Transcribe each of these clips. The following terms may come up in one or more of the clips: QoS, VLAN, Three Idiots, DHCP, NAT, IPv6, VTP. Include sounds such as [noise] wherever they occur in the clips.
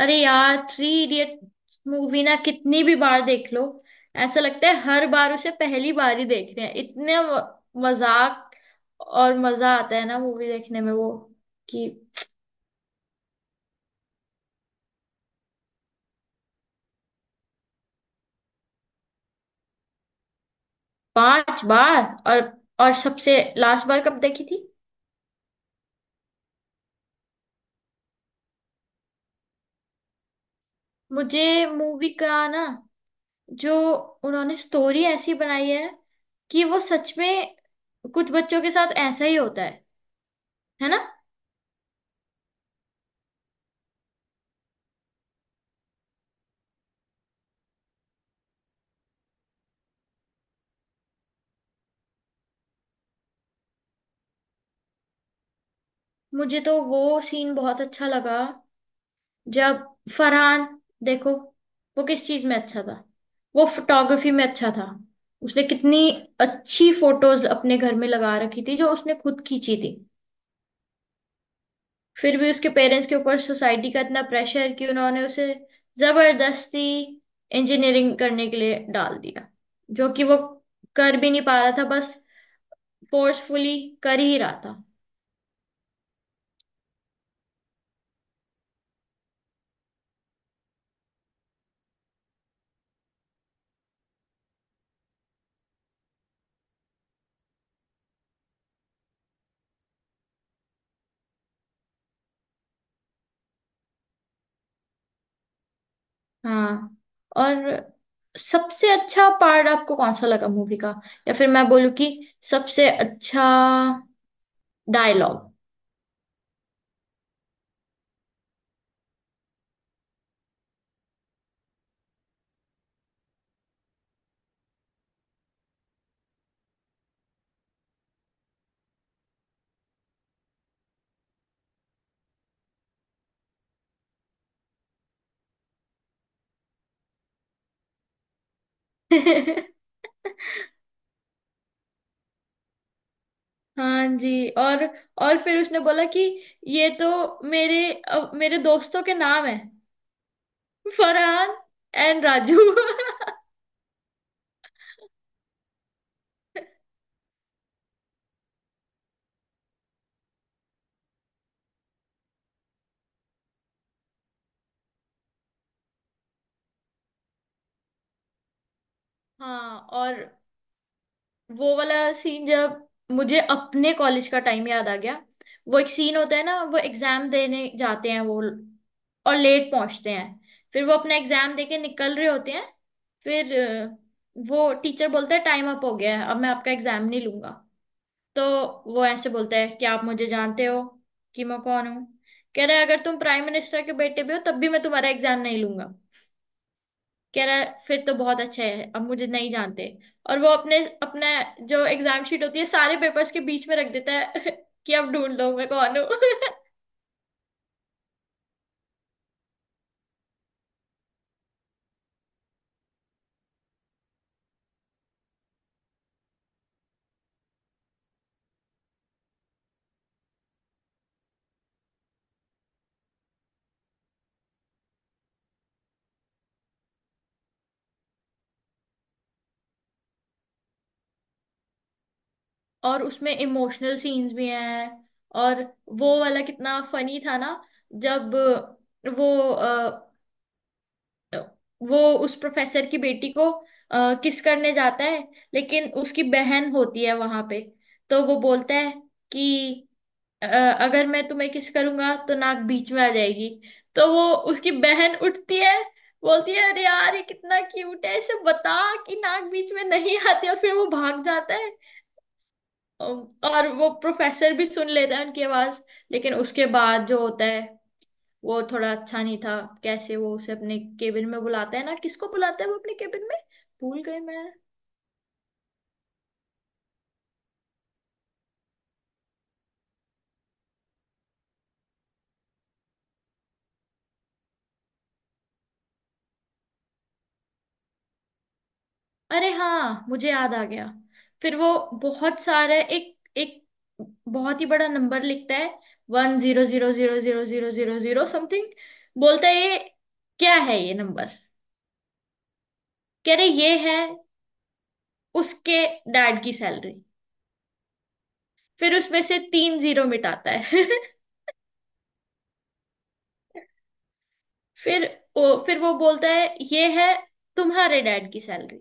अरे यार, three idiot movie ना कितनी भी बार देख लो, ऐसा लगता है हर बार उसे पहली बार ही देख रहे हैं। इतने मजाक और मजा आता है ना मूवी देखने में। वो कि 5 बार। और और सबसे लास्ट बार कब देखी थी? मुझे मूवी का ना, जो उन्होंने स्टोरी ऐसी बनाई है कि वो सच में, कुछ बच्चों के साथ ऐसा ही होता है ना। मुझे तो वो सीन बहुत अच्छा लगा, जब फरहान, देखो, वो किस चीज में अच्छा था? वो फोटोग्राफी में अच्छा था। उसने कितनी अच्छी फोटोज अपने घर में लगा रखी थी जो उसने खुद खींची थी। फिर भी उसके पेरेंट्स के ऊपर सोसाइटी का इतना प्रेशर कि उन्होंने उसे जबरदस्ती इंजीनियरिंग करने के लिए डाल दिया, जो कि वो कर भी नहीं पा रहा था, बस फोर्सफुली कर ही रहा था। हाँ। और सबसे अच्छा पार्ट आपको कौन सा लगा मूवी का? या फिर मैं बोलूँ कि सबसे अच्छा डायलॉग? [laughs] हाँ जी। और फिर उसने बोला कि ये तो मेरे, अब मेरे दोस्तों के नाम है, फरहान एंड राजू। [laughs] हाँ। और वो वाला सीन जब मुझे अपने कॉलेज का टाइम याद आ गया। वो एक सीन होता है ना, वो एग्जाम देने जाते हैं, वो और लेट पहुंचते हैं। फिर वो अपना एग्जाम देके निकल रहे होते हैं, फिर वो टीचर बोलता है टाइम अप हो गया है, अब मैं आपका एग्जाम नहीं लूंगा। तो वो ऐसे बोलता है कि आप मुझे जानते हो कि मैं कौन हूँ। कह रहा है अगर तुम प्राइम मिनिस्टर के बेटे भी हो तब भी मैं तुम्हारा एग्जाम नहीं लूंगा। कह रहा है फिर तो बहुत अच्छा है, अब मुझे नहीं जानते। और वो अपने, अपना जो एग्जाम शीट होती है सारे पेपर्स के बीच में रख देता है। [laughs] कि अब ढूंढ लो मैं कौन हूँ। [laughs] और उसमें इमोशनल सीन्स भी हैं। और वो वाला कितना फनी था ना, जब वो वो उस प्रोफेसर की बेटी को किस करने जाता है, लेकिन उसकी बहन होती है वहां पे। तो वो बोलता है कि अ, अगर मैं तुम्हें किस करूंगा तो नाक बीच में आ जाएगी। तो वो, उसकी बहन उठती है, बोलती है अरे यार ये कितना क्यूट है, इसे बता कि नाक बीच में नहीं [laughs] आती। और फिर वो भाग जाता है। और वो प्रोफेसर भी सुन लेता है उनकी आवाज। लेकिन उसके बाद जो होता है वो थोड़ा अच्छा नहीं था। कैसे वो उसे अपने केबिन में बुलाता है ना? किसको बुलाता है वो अपने केबिन में? भूल गई मैं। अरे हाँ, मुझे याद आ गया। फिर वो बहुत सारे, एक एक बहुत ही बड़ा नंबर लिखता है, 10000000 समथिंग। बोलता है ये क्या है ये नंबर? कह रहे ये है उसके डैड की सैलरी। फिर उसमें से तीन जीरो मिटाता है। [laughs] फिर फिर वो बोलता है ये है तुम्हारे डैड की सैलरी।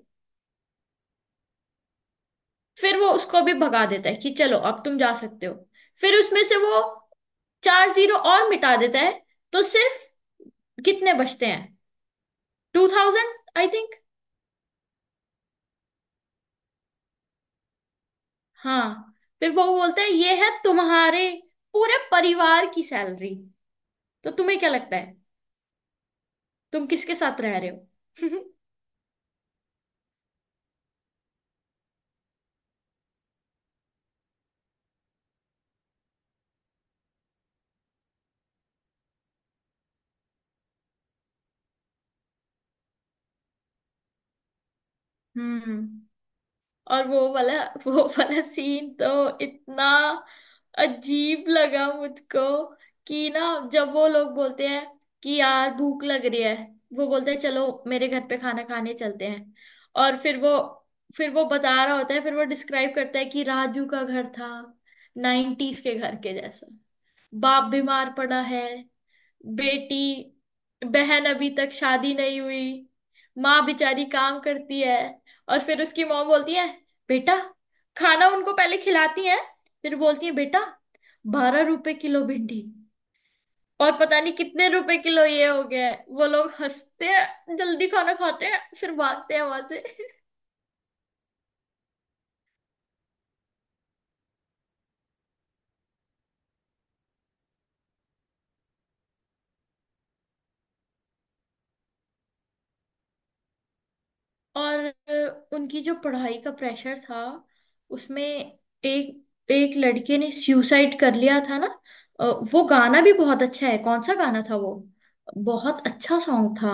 फिर वो उसको भी भगा देता है कि चलो अब तुम जा सकते हो। फिर उसमें से वो चार जीरो और मिटा देता है। तो सिर्फ कितने बचते हैं? 2000 आई थिंक। हाँ, फिर वो बोलते हैं ये है तुम्हारे पूरे परिवार की सैलरी। तो तुम्हें क्या लगता है तुम किसके साथ रह रहे हो? [laughs] हम्म। और वो वाला सीन तो इतना अजीब लगा मुझको कि ना, जब वो लोग बोलते हैं कि यार भूख लग रही है, वो बोलते हैं चलो मेरे घर पे खाना खाने चलते हैं। और फिर वो बता रहा होता है, फिर वो डिस्क्राइब करता है कि राजू का घर था नाइन्टीज के घर के जैसा। बाप बीमार पड़ा है, बेटी, बहन अभी तक शादी नहीं हुई, माँ बेचारी काम करती है। और फिर उसकी माँ बोलती है बेटा, खाना उनको पहले खिलाती है, फिर बोलती है बेटा 12 रुपए किलो भिंडी और पता नहीं कितने रुपए किलो ये हो गया है। वो लोग हंसते हैं, जल्दी खाना खाते हैं, फिर भागते हैं वहां से। और उनकी जो पढ़ाई का प्रेशर था, उसमें एक एक लड़के ने सुसाइड कर लिया था ना। अ, वो गाना भी बहुत अच्छा है। कौन सा गाना था वो? बहुत अच्छा सॉन्ग था।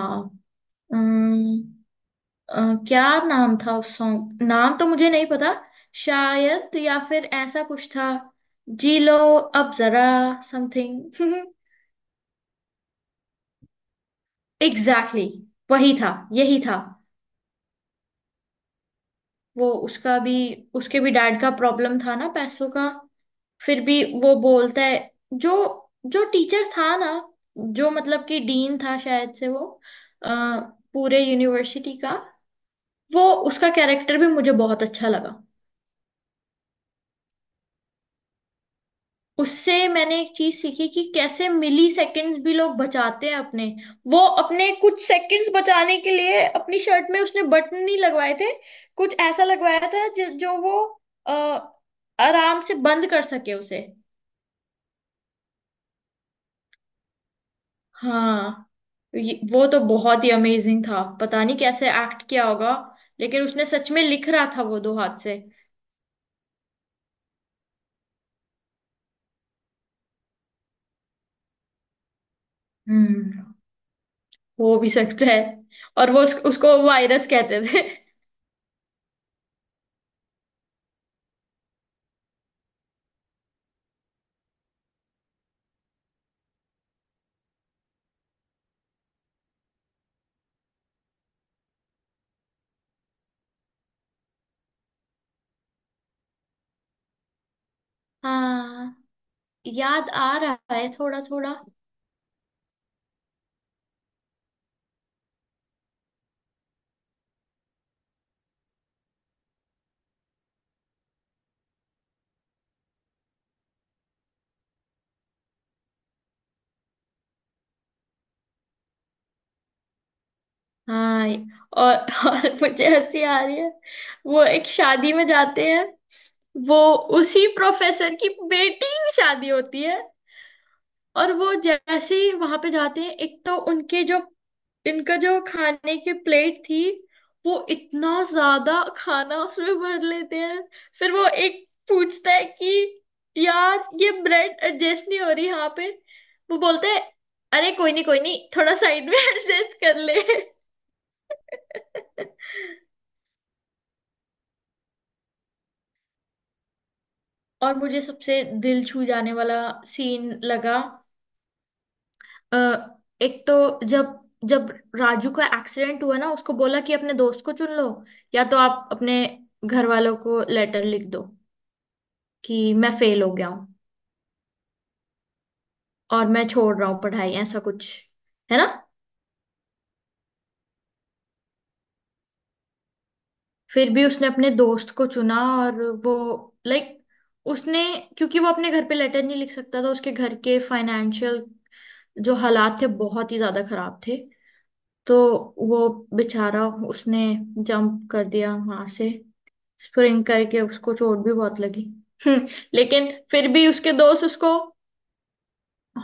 अम्म, अ, क्या नाम था उस सॉन्ग? नाम तो मुझे नहीं पता, शायद, या फिर ऐसा कुछ था, जी लो अब जरा समथिंग। [laughs] एग्जैक्टली exactly, वही था यही था। वो उसका भी, उसके भी डैड का प्रॉब्लम था ना, पैसों का। फिर भी वो बोलता है जो जो टीचर था ना, जो मतलब कि डीन था शायद से, वो अ, पूरे यूनिवर्सिटी का, वो उसका कैरेक्टर भी मुझे बहुत अच्छा लगा। उससे मैंने एक चीज सीखी कि कैसे मिली सेकंड्स भी लोग बचाते हैं अपने। वो अपने कुछ सेकंड्स बचाने के लिए अपनी शर्ट में उसने बटन नहीं लगवाए थे। कुछ ऐसा लगवाया था जो वो अ, आराम से बंद कर सके उसे। हाँ। तो वो तो बहुत ही अमेजिंग था, पता नहीं कैसे एक्ट किया होगा, लेकिन उसने सच में लिख रहा था वो दो हाथ से। हम्म। हो भी सकता है। और वो उसको वायरस कहते थे। हाँ। याद आ रहा है थोड़ा थोड़ा। हाँ। और मुझे हंसी आ रही है। वो एक शादी में जाते हैं, वो उसी प्रोफेसर की बेटी की शादी होती है। और वो जैसे ही वहां पे जाते हैं, एक तो उनके जो, इनका जो खाने की प्लेट थी, वो इतना ज्यादा खाना उसमें भर लेते हैं। फिर वो एक पूछता है कि यार ये ब्रेड एडजस्ट नहीं हो रही यहाँ पे। वो बोलते हैं अरे कोई नहीं कोई नहीं, थोड़ा साइड में [laughs] एडजस्ट कर ले। [laughs] और मुझे सबसे दिल छू जाने वाला सीन लगा, अ, एक तो जब, जब राजू का एक्सीडेंट हुआ ना, उसको बोला कि अपने दोस्त को चुन लो या तो आप अपने घर वालों को लेटर लिख दो कि मैं फेल हो गया हूँ और मैं छोड़ रहा हूँ पढ़ाई, ऐसा कुछ, है ना। फिर भी उसने अपने दोस्त को चुना। और वो लाइक उसने, क्योंकि वो अपने घर पे लेटर नहीं लिख सकता था, उसके घर के फाइनेंशियल जो हालात थे बहुत ही ज्यादा खराब थे। तो वो बेचारा उसने जंप कर दिया वहां से, स्प्रिंग करके। उसको चोट भी बहुत लगी। [laughs] लेकिन फिर भी उसके दोस्त उसको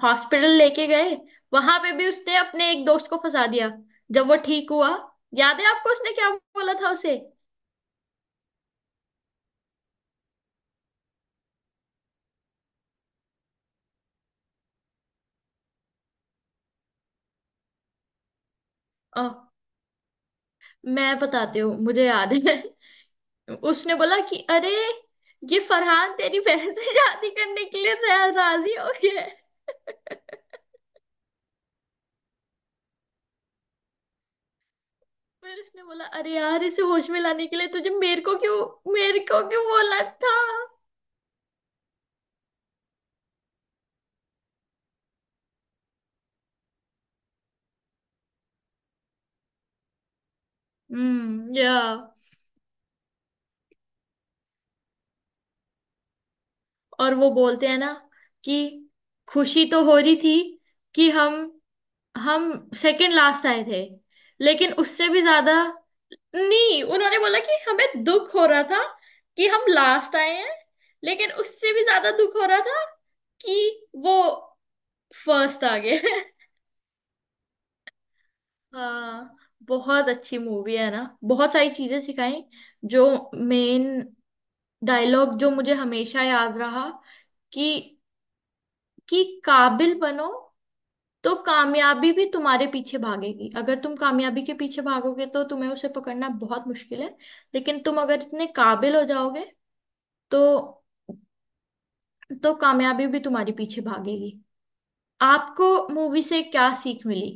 हॉस्पिटल लेके गए। वहां पे भी उसने अपने एक दोस्त को फंसा दिया। जब वो ठीक हुआ, याद है आपको उसने क्या बोला था उसे? अ, मैं बताती हूँ, मुझे याद है। [laughs] उसने बोला कि अरे ये फरहान तेरी बहन से शादी करने के लिए राजी हो गया है। [laughs] फिर उसने बोला अरे यार, इसे होश में लाने के लिए तुझे मेरे को क्यों बोला था। या। और वो बोलते हैं ना कि खुशी तो हो रही थी कि हम सेकंड लास्ट आए थे लेकिन उससे भी ज्यादा, नहीं, उन्होंने बोला कि हमें दुख हो रहा था कि हम लास्ट आए हैं लेकिन उससे भी ज्यादा दुख हो रहा था कि वो फर्स्ट आ गए। हाँ। बहुत अच्छी मूवी है ना, बहुत सारी चीजें सिखाई। जो मेन डायलॉग जो मुझे हमेशा याद रहा कि कि काबिल बनो तो कामयाबी भी तुम्हारे पीछे भागेगी। अगर तुम कामयाबी के पीछे भागोगे तो तुम्हें उसे पकड़ना बहुत मुश्किल है। लेकिन तुम अगर इतने काबिल हो जाओगे तो तो कामयाबी भी तुम्हारे पीछे भागेगी। आपको मूवी से क्या सीख मिली?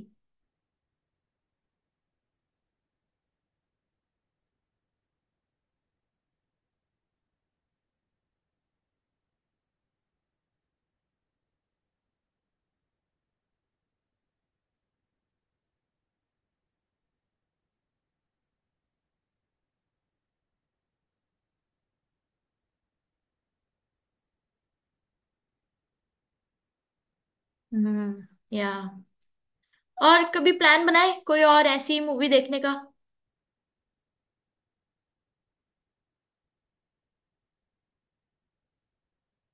हम्म या। और कभी प्लान बनाए कोई और ऐसी मूवी देखने का।